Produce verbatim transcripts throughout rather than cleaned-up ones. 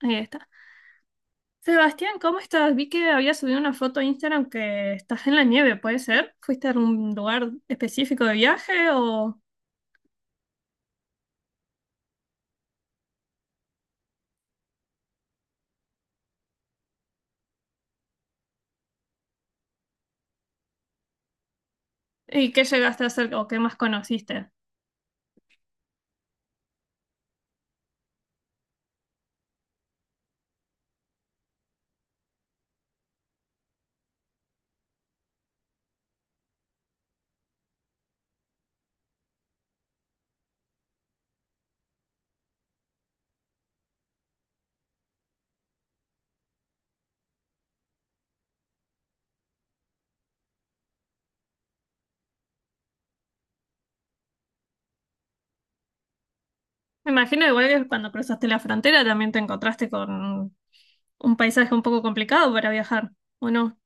Ahí está. Sebastián, ¿cómo estás? Vi que habías subido una foto a Instagram que estás en la nieve, ¿puede ser? ¿Fuiste a un lugar específico de viaje o y qué llegaste a hacer o qué más conociste? Me imagino igual que cuando cruzaste la frontera también te encontraste con un paisaje un poco complicado para viajar, ¿o no?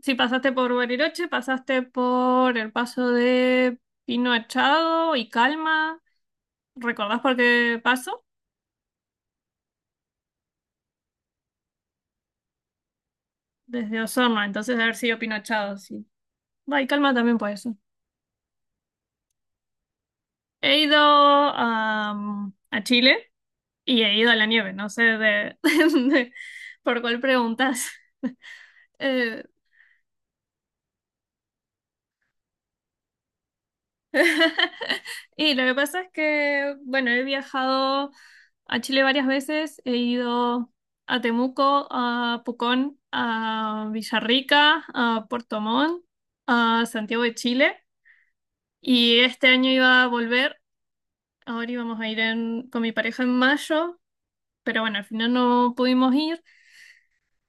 Si pasaste por Bariloche, pasaste por el paso de Pino Achado y Calma. ¿Recordás por qué paso? Desde Osorno, entonces de haber sido Pino Achado, sí. Va, y Calma también puede ser. He ido am, a Chile y he ido a la nieve, no sé de, de- por cuál preguntas. Eh, y lo que pasa es que, bueno, he viajado a Chile varias veces, he ido a Temuco, a Pucón, a Villarrica, a Puerto Montt, a Santiago de Chile y este año iba a volver, ahora íbamos a ir en- con mi pareja en mayo, pero bueno, al final no pudimos ir.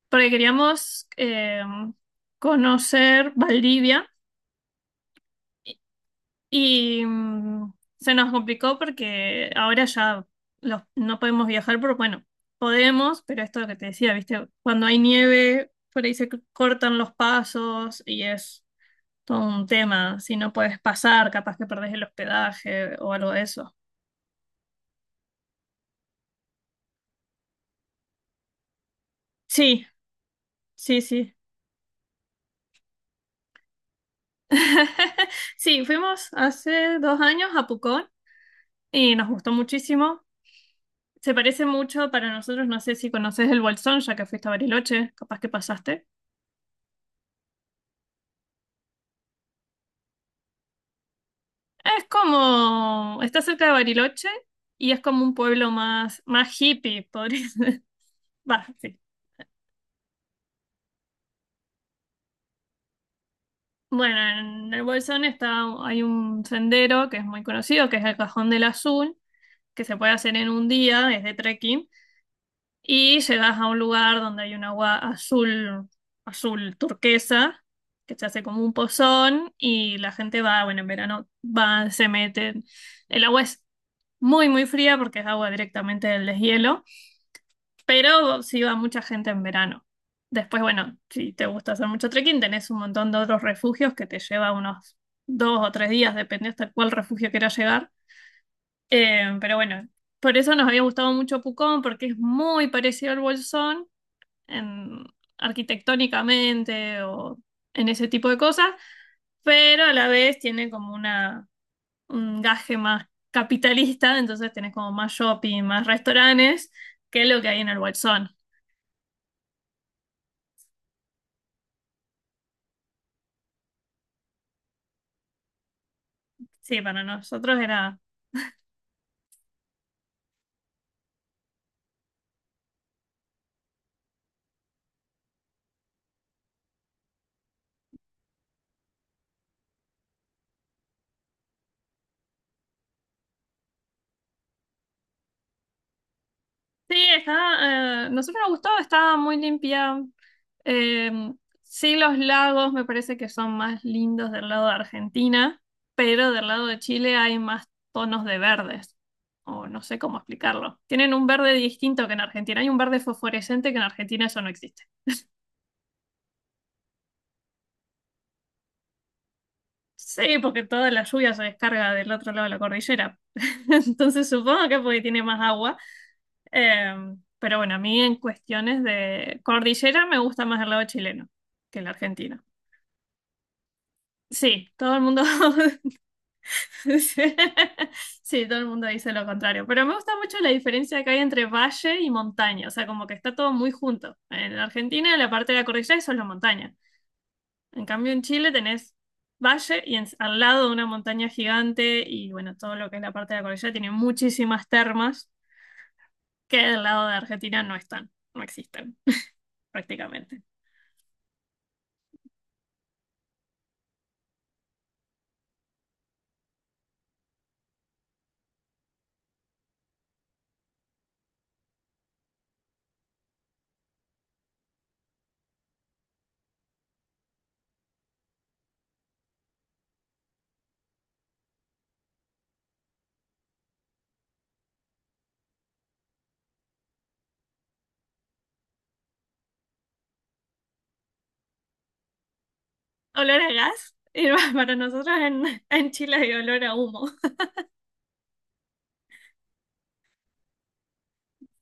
Porque queríamos eh, conocer Valdivia y mm, se nos complicó porque ahora ya los- no podemos viajar, pero bueno, podemos, pero esto es lo que te decía, ¿viste? Cuando hay nieve, por ahí se c- cortan los pasos y es todo un tema, si no puedes pasar, capaz que perdés el hospedaje o algo de eso. Sí, sí, sí. Sí, fuimos hace dos años a Pucón y nos gustó muchísimo. Se parece mucho para nosotros, no sé si conoces el Bolsón, ya que fuiste a Bariloche, capaz que pasaste. Es como, está cerca de Bariloche y es como un pueblo más, más hippie, podría ser. Va, sí. Bueno, en el Bolsón está, hay un sendero que es muy conocido, que es el Cajón del Azul, que se puede hacer en un día, es de trekking. Y llegas a un lugar donde hay un agua azul, azul turquesa, que se hace como un pozón y la gente va, bueno, en verano va, se meten. El agua es muy, muy fría porque es agua directamente del deshielo, pero sí va mucha gente en verano. Después, bueno, si te gusta hacer mucho trekking, tenés un montón de otros refugios que te lleva unos dos o tres días, depende hasta cuál refugio quieras llegar. Eh, pero bueno, por eso nos había gustado mucho Pucón porque es muy parecido al Bolsón en- arquitectónicamente o en ese tipo de cosas, pero a la vez tiene como una, un gaje más capitalista, entonces tenés como más shopping, más restaurantes que lo que hay en el Bolsón. Sí, para nosotros era. Sí, está, eh, nosotros nos gustó, estaba muy limpia. Em, sí, los lagos me parece que son más lindos del lado de Argentina, pero del lado de Chile hay más tonos de verdes, o no sé cómo explicarlo. Tienen un verde distinto que en Argentina, hay un verde fosforescente que en Argentina eso no existe. Sí, porque toda la lluvia se descarga del otro lado de la cordillera. Entonces supongo que porque tiene más agua. Em, pero bueno, a mí en cuestiones de cordillera me gusta más el lado chileno que el argentino. Sí, todo el mundo. Sí, todo el mundo dice lo contrario, pero me gusta mucho la diferencia que hay entre valle y montaña, o sea, como que está todo muy junto. En Argentina, la parte de la cordillera es solo montaña. En cambio, en Chile tenés valle y en- al lado de una montaña gigante y bueno, todo lo que es la parte de la cordillera tiene muchísimas termas que del lado de Argentina no están, no existen prácticamente. Olor a gas, y para nosotros en, en, Chile hay olor a humo.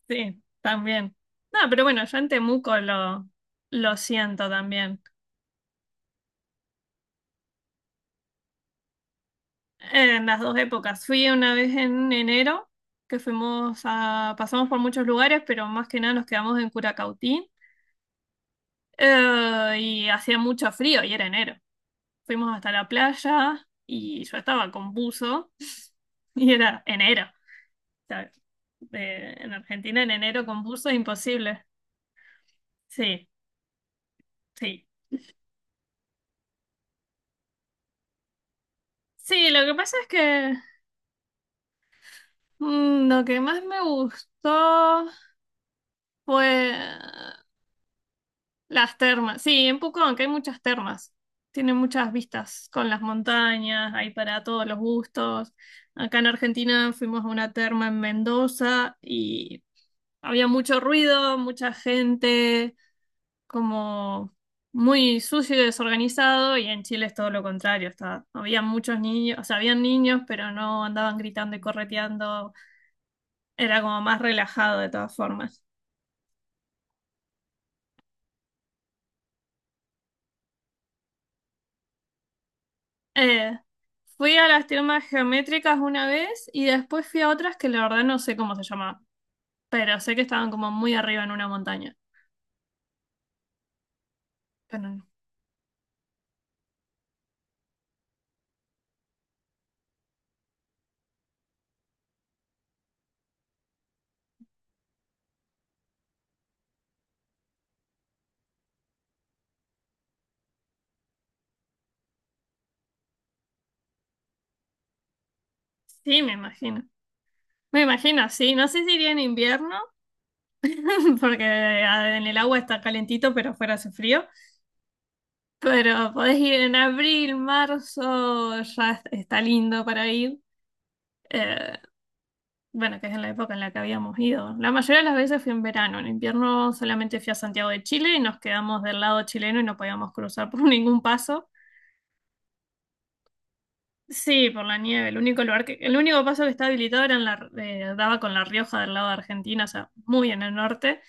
Sí, también. No, pero bueno, yo en Temuco lo, lo siento también. En las dos épocas. Fui una vez en enero, que fuimos a, pasamos por muchos lugares, pero más que nada nos quedamos en Curacautín. Eh, y hacía mucho frío y era enero. Fuimos hasta la playa y yo estaba con buzo y era enero. O sea, de- en Argentina en enero con buzo es imposible. Sí, sí. Sí, lo que pasa es que Mm, lo que más me gustó fue las termas. Sí, en Pucón, aunque hay muchas termas. Tiene muchas vistas con las montañas, hay para todos los gustos. Acá en Argentina fuimos a una terma en Mendoza y había mucho ruido, mucha gente, como muy sucio y desorganizado. Y en Chile es todo lo contrario. Está, había muchos niños, o sea, habían niños, pero no andaban gritando y correteando. Era como más relajado de todas formas. Eh, Fui a las termas geométricas una vez y después fui a otras que la verdad no sé cómo se llamaban, pero sé que estaban como muy arriba en una montaña. Pero no. Sí, me imagino. Me imagino, sí. No sé si iría en invierno, porque ah, en el agua está calentito, pero fuera hace frío. Pero podés ir en abril, marzo, ya es- está lindo para ir. Eh, bueno, que es en la época en la que habíamos ido. La mayoría de las veces fui en verano, en invierno solamente fui a Santiago de Chile y nos quedamos del lado chileno y no podíamos cruzar por ningún paso. Sí, por la nieve. El único lugar que, el único paso que estaba habilitado era en la, eh, daba con La Rioja del lado de Argentina, o sea, muy en el norte.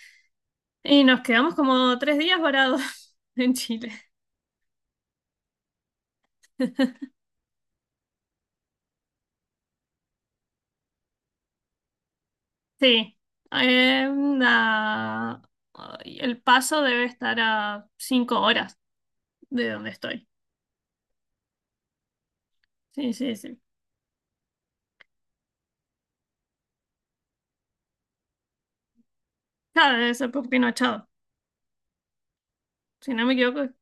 Y nos quedamos como tres días varados en Chile. Sí. Eh, la- Ay, el paso debe estar a cinco horas de donde estoy. Sí, sí, sí. Claro, debe ser por Pinochado. Si no me equivoco,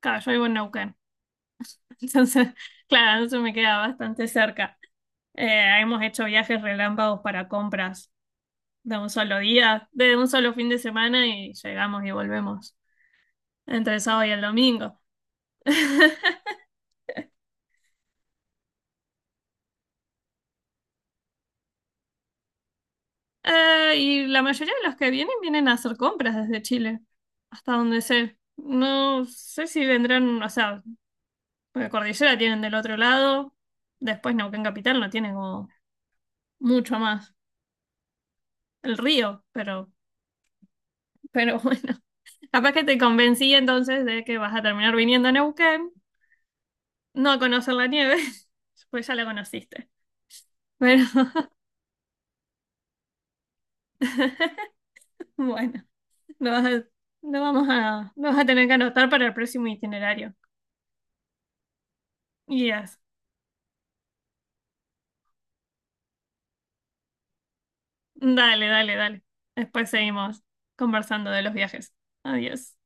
claro, yo vivo en Neuquén. Entonces, claro, eso me queda bastante cerca. Eh, hemos hecho viajes relámpagos para compras de un solo día, de un solo fin de semana y llegamos y volvemos entre el sábado y el domingo. Eh, y la mayoría de los que vienen vienen a hacer compras desde Chile, hasta donde sé. No sé si vendrán, o sea, porque Cordillera tienen del otro lado, después Neuquén Capital no tiene como mucho más. El río, pero, pero bueno. Capaz que te convencí entonces de que vas a terminar viniendo a Neuquén, no a conocer la nieve, pues ya la conociste. Pero bueno, lo vas a- lo vamos a, lo vas a tener que anotar para el próximo itinerario. Yes. Dale, dale, dale. Después seguimos conversando de los viajes. Adiós.